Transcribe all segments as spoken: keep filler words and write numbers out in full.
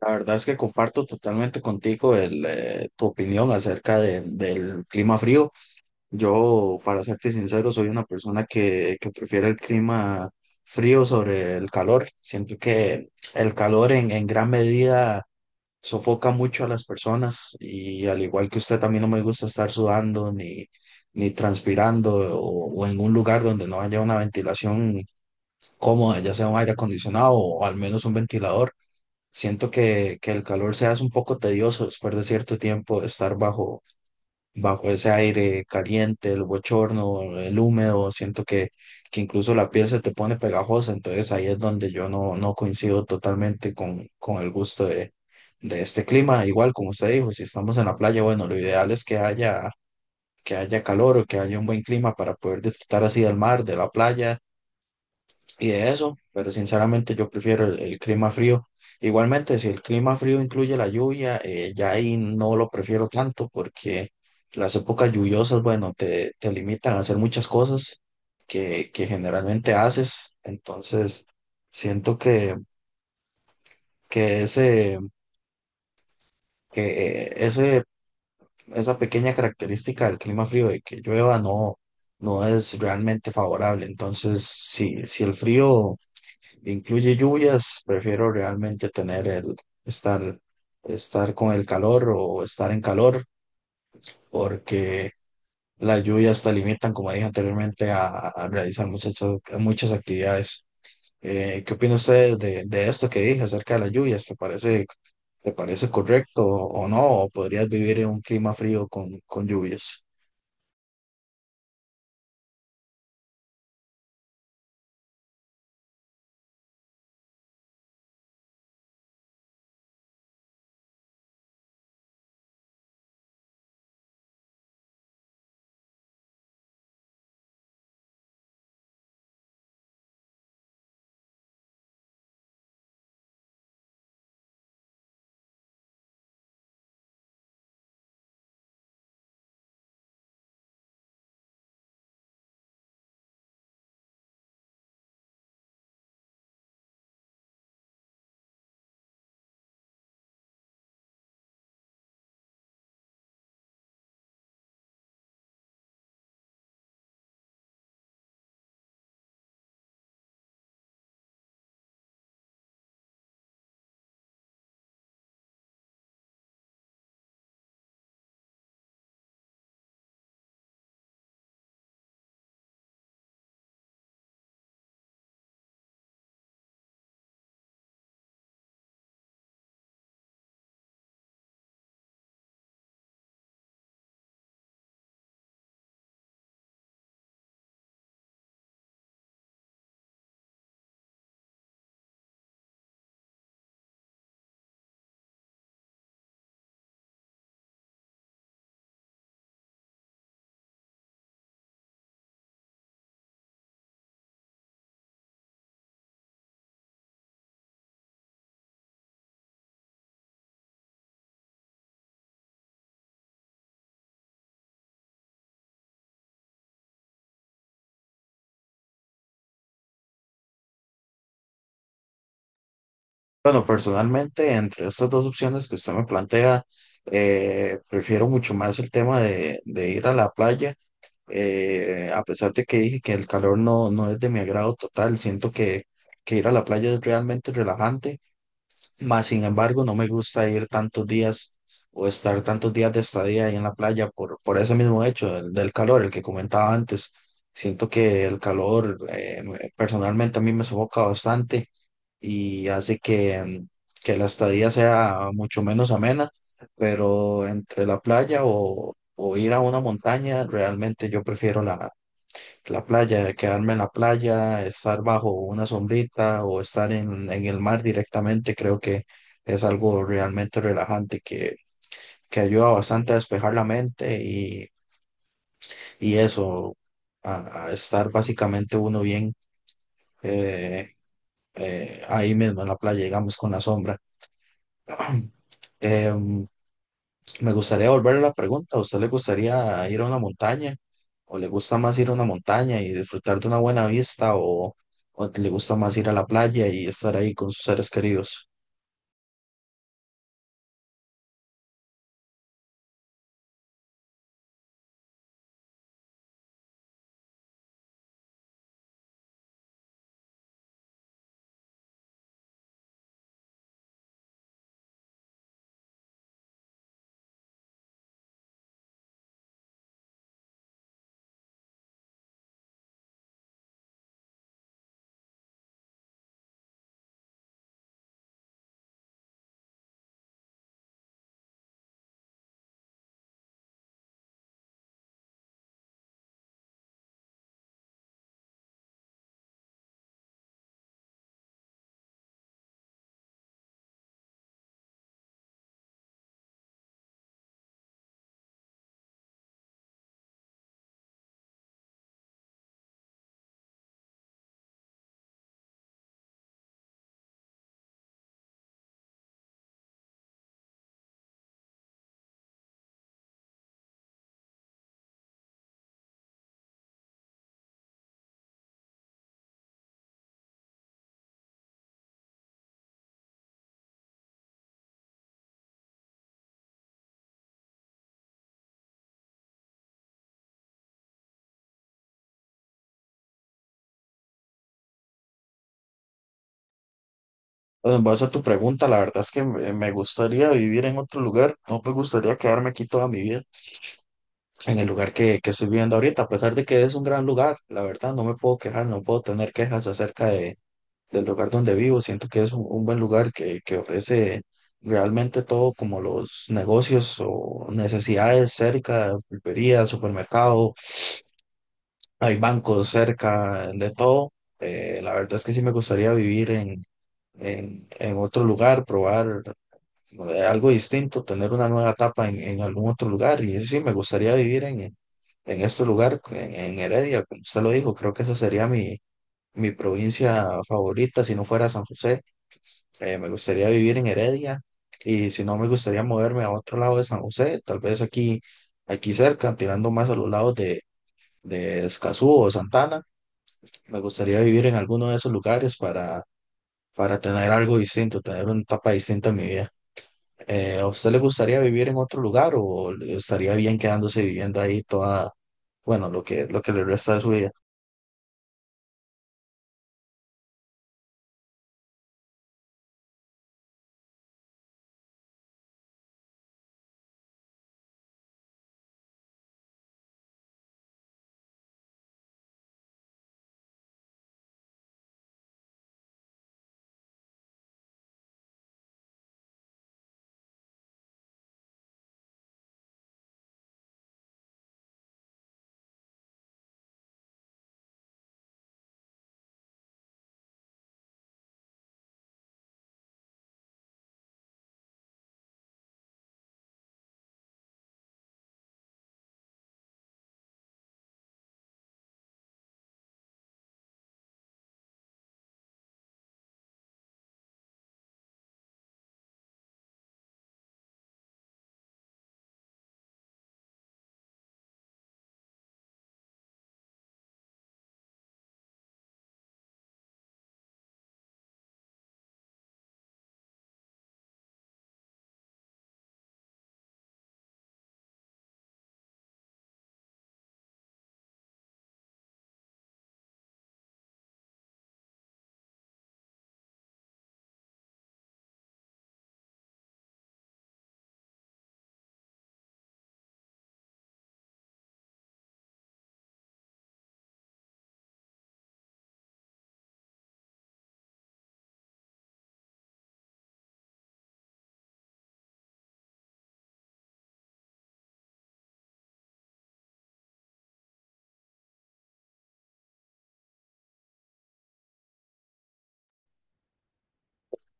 La verdad es que comparto totalmente contigo el, eh, tu opinión acerca de- del clima frío. Yo, para serte sincero, soy una persona que, que prefiere el clima frío sobre el calor. Siento que el calor en, en gran medida sofoca mucho a las personas y, al igual que usted, a mí no me gusta estar sudando ni, ni transpirando o, o en un lugar donde no haya una ventilación cómoda, ya sea un aire acondicionado o al menos un ventilador. Siento que, que el calor se hace un poco tedioso después de cierto tiempo de estar bajo, bajo ese aire caliente, el bochorno, el húmedo. Siento que, que incluso la piel se te pone pegajosa. Entonces, ahí es donde yo no, no coincido totalmente con, con el gusto de, de este clima. Igual, como usted dijo, si estamos en la playa, bueno, lo ideal es que haya, que haya calor o que haya un buen clima para poder disfrutar así del mar, de la playa y de eso, pero sinceramente yo prefiero el, el clima frío. Igualmente, si el clima frío incluye la lluvia, eh, ya ahí no lo prefiero tanto porque las épocas lluviosas, bueno, te, te limitan a hacer muchas cosas que, que generalmente haces. Entonces, siento que, que ese, que eh, ese, esa pequeña característica del clima frío de que llueva no, no es realmente favorable. Entonces, si, si el frío incluye lluvias, prefiero realmente tener el estar, estar con el calor o estar en calor, porque las lluvias te limitan, como dije anteriormente, a, a realizar muchas, muchas actividades. Eh, ¿qué opina usted de, de esto que dije acerca de las lluvias? ¿Te parece, te parece correcto o no? ¿O podrías vivir en un clima frío con, con lluvias? Bueno, personalmente, entre estas dos opciones que usted me plantea, eh, prefiero mucho más el tema de, de ir a la playa. Eh, a pesar de que dije que el calor no, no es de mi agrado total, siento que, que ir a la playa es realmente relajante. Más sin embargo, no me gusta ir tantos días o estar tantos días de estadía ahí en la playa por, por ese mismo hecho, el del calor, el que comentaba antes. Siento que el calor, eh, me- personalmente, a mí me sofoca bastante y hace que, mm, que la estadía sea mucho menos amena, pero entre la playa o, o ir a una montaña, realmente yo prefiero la playa, quedarme en la playa, estar bajo una sombrita o estar en, en el mar directamente. Creo que es algo realmente relajante que, que ayuda bastante a despejar la mente y, y eso, a, a estar básicamente uno bien eh, eh, ahí mismo en la playa, digamos, con la sombra. Em, Me gustaría volver a la pregunta. ¿A usted le gustaría ir a una montaña? ¿O le gusta más ir a una montaña y disfrutar de una buena vista? ¿O o le gusta más ir a la playa y estar ahí con sus seres queridos? Bueno, en base a tu pregunta, la verdad es que me me gustaría vivir en otro lugar. No me gustaría quedarme aquí toda mi vida, en el lugar que, que estoy viviendo ahorita. A pesar de que es un gran lugar, la verdad, no me puedo quejar, no puedo tener quejas acerca de del lugar donde vivo. Siento que es un, un buen lugar que, que ofrece realmente todo, como los negocios o necesidades cerca, pulpería, supermercado, hay bancos cerca, de todo. Eh, la verdad es que sí me gustaría vivir en, en, en otro lugar, probar eh, algo distinto, tener una nueva etapa en, en algún otro lugar. Y sí, me gustaría vivir en, en este lugar, en, en Heredia, como usted lo dijo. Creo que esa sería mi, mi provincia favorita si no fuera San José. Eh, me gustaría vivir en Heredia y, si no, me gustaría moverme a otro lado de San José, tal vez aquí, aquí cerca, tirando más a los lados de, de Escazú o Santana. Me gustaría vivir en alguno de esos lugares para, para tener algo distinto, tener una etapa distinta en mi vida. Eh, ¿a usted le gustaría vivir en otro lugar o le estaría bien quedándose viviendo ahí toda, bueno, lo que, lo que le resta de su vida?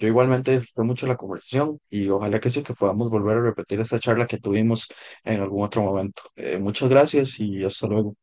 Yo igualmente disfruté mucho la conversación y ojalá que sí, que podamos volver a repetir esta charla que tuvimos en algún otro momento. Eh, muchas gracias y hasta luego.